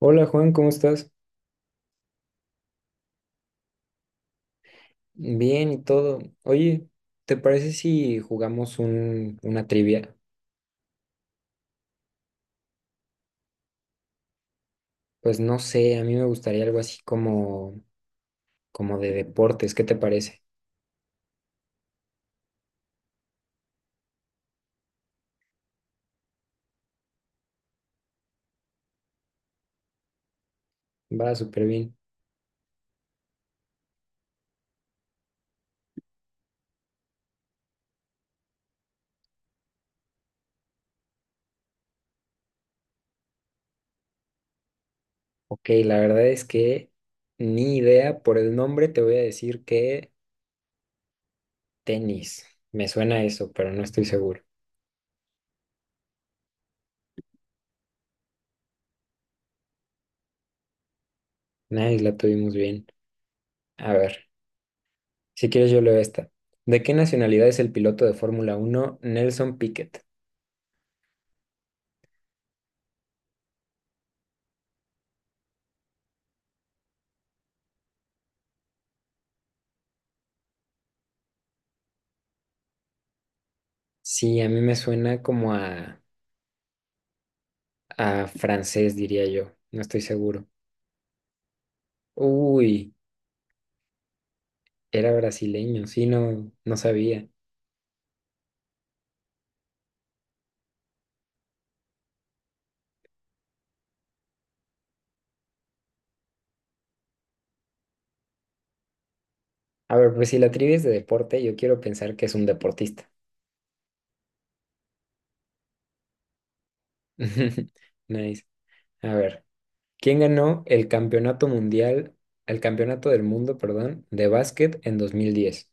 Hola Juan, ¿cómo estás? Bien y todo. Oye, ¿te parece si jugamos una trivia? Pues no sé, a mí me gustaría algo así como de deportes, ¿qué te parece? Va súper bien. Ok, la verdad es que ni idea, por el nombre te voy a decir que tenis. Me suena a eso, pero no estoy seguro. Nice, la tuvimos bien. A ver, si quieres yo leo esta. ¿De qué nacionalidad es el piloto de Fórmula uno Nelson Piquet? Sí, a mí me suena como a francés, diría yo. No estoy seguro. Uy, era brasileño. Sí, no, no sabía. A ver, pues si la trivia es de deporte, yo quiero pensar que es un deportista. Nice. A ver, ¿quién ganó el campeonato mundial, el campeonato del mundo, perdón, de básquet en 2010?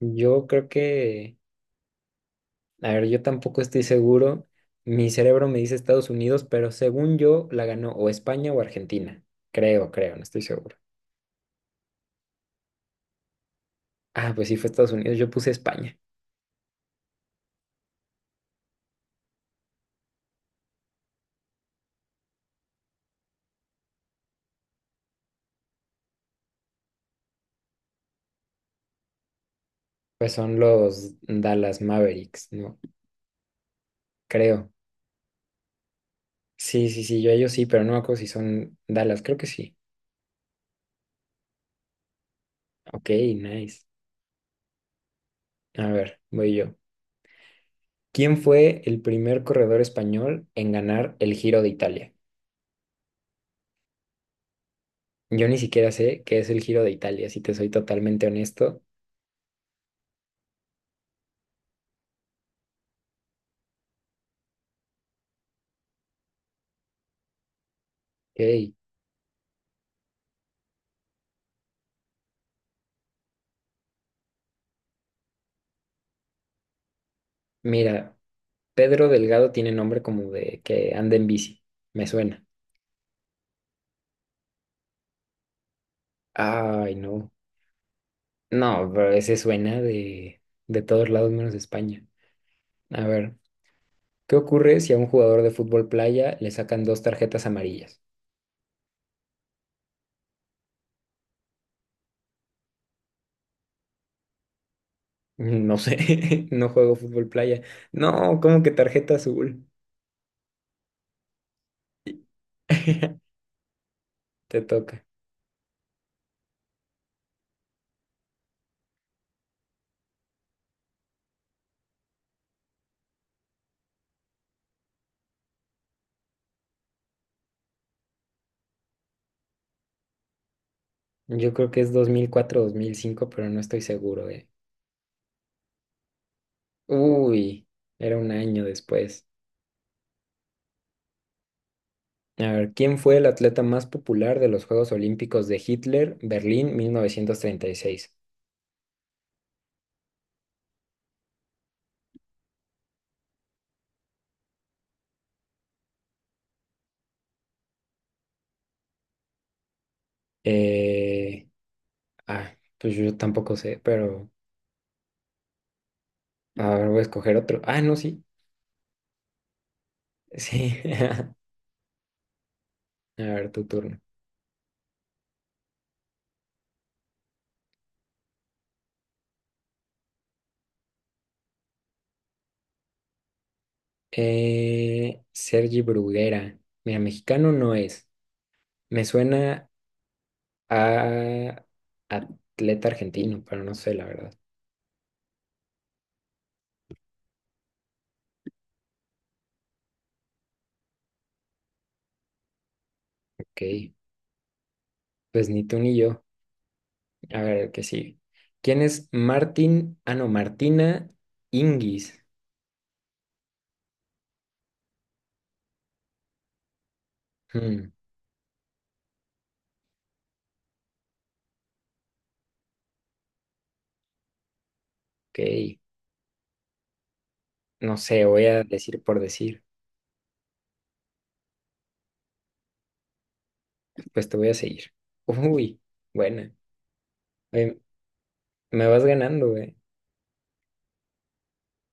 Yo creo que, a ver, yo tampoco estoy seguro. Mi cerebro me dice Estados Unidos, pero según yo la ganó o España o Argentina. Creo, creo, no estoy seguro. Ah, pues sí fue Estados Unidos, yo puse España. Pues son los Dallas Mavericks, ¿no? Creo. Sí, sí, sí, yo a ellos sí, pero no me acuerdo si son Dallas, creo que sí. Ok, nice. A ver, voy yo. ¿Quién fue el primer corredor español en ganar el Giro de Italia? Yo ni siquiera sé qué es el Giro de Italia, si te soy totalmente honesto. Ok, mira, Pedro Delgado tiene nombre como de que anda en bici, me suena. Ay, no. No, pero ese suena de todos lados menos de España. A ver. ¿Qué ocurre si a un jugador de fútbol playa le sacan dos tarjetas amarillas? No sé, no juego fútbol playa. No, ¿cómo que tarjeta azul? Te toca. Yo creo que es 2004, 2005, pero no estoy seguro, eh. Uy, era un año después. A ver, ¿quién fue el atleta más popular de los Juegos Olímpicos de Hitler, Berlín, 1936? Eh, ah, pues yo tampoco sé, pero a ver, voy a escoger otro. Ah, no, sí. Sí. A ver, tu turno. Sergi Bruguera. Mira, mexicano no es. Me suena a atleta argentino, pero no sé, la verdad. Ok. Pues ni tú ni yo. A ver, el que sigue. ¿Quién es Martín? Ah, no, Martina Ingis. Hmm, ok. No sé, voy a decir por decir. Pues te voy a seguir. Uy, buena. Oye, me vas ganando, güey.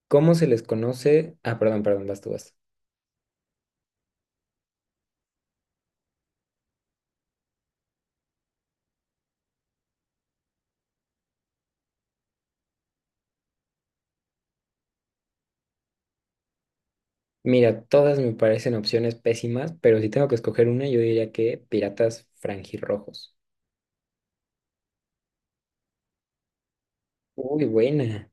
¿Cómo se les conoce? Ah, perdón, perdón, vas tú, vas tú. Mira, todas me parecen opciones pésimas, pero si tengo que escoger una, yo diría que Piratas Franjirrojos. Uy, buena.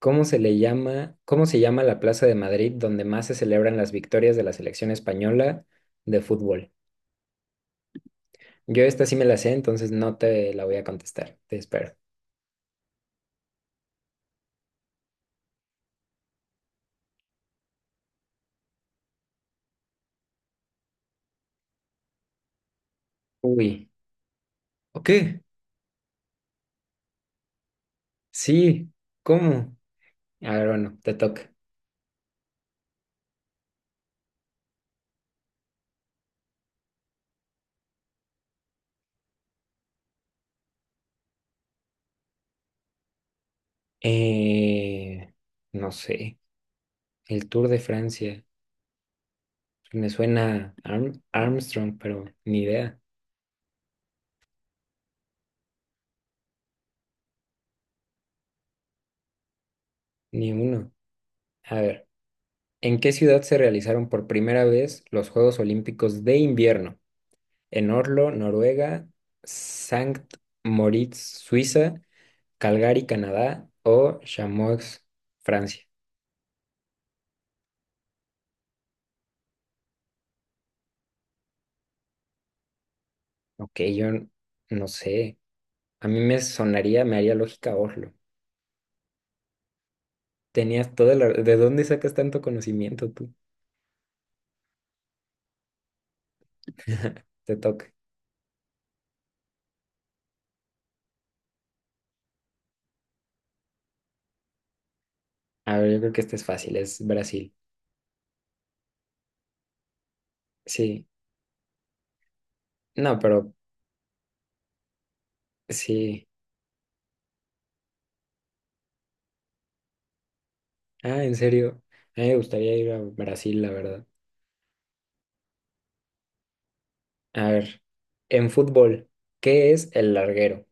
¿Cómo se le llama, cómo se llama la Plaza de Madrid donde más se celebran las victorias de la selección española de fútbol? Yo esta sí me la sé, entonces no te la voy a contestar. Te espero. Uy. ¿Ok? Sí. ¿Cómo? A ver, bueno, te toca. Eh, no sé. El Tour de Francia. Me suena Armstrong, pero ni idea. Ni uno. A ver, ¿en qué ciudad se realizaron por primera vez los Juegos Olímpicos de invierno? En Oslo, Noruega, Sankt Moritz, Suiza, Calgary, Canadá o Chamonix, Francia. Ok, no sé. A mí me sonaría, me haría lógica Oslo. Tenías toda la. ¿De dónde sacas tanto conocimiento tú? Te toca. A ver, yo creo que este es fácil, es Brasil. Sí. No, pero sí. Ah, en serio. A mí me gustaría ir a Brasil, la verdad. A ver, en fútbol, ¿qué es el larguero?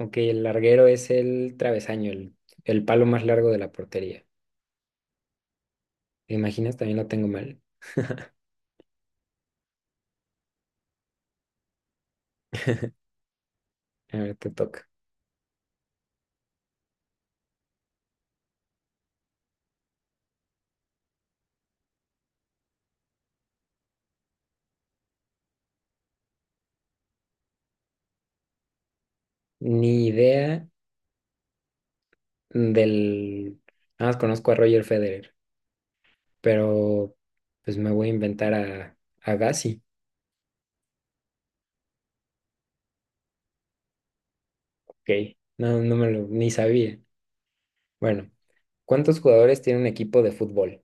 Ok, el larguero es el travesaño, el palo más largo de la portería. ¿Te imaginas? También lo tengo mal. A ver, te toca. Ni idea del. Nada más conozco a Roger Federer, pero pues me voy a inventar a Gassi. Ok, no, no me lo, ni sabía. Bueno, ¿cuántos jugadores tiene un equipo de fútbol?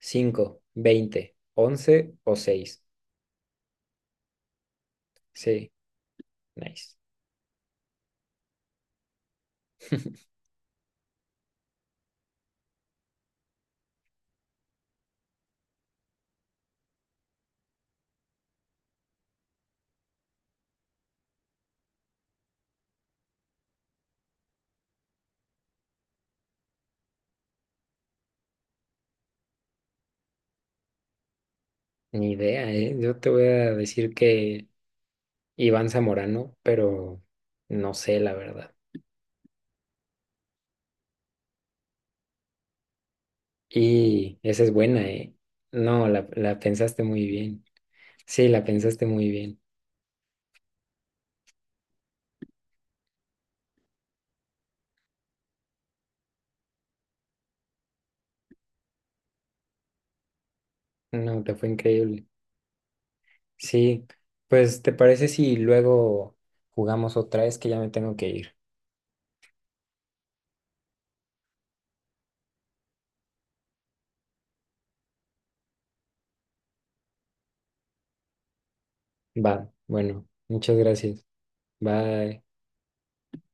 ¿Cinco, 20, 11 o seis? Sí, nice. Ni idea, ¿eh? Yo te voy a decir que Iván Zamorano, pero no sé la verdad. Y esa es buena, ¿eh? No, la pensaste muy bien. Sí, la pensaste muy bien. No, te fue increíble. Sí, pues ¿te parece si luego jugamos otra vez que ya me tengo que ir? Va, bueno, muchas gracias. Bye.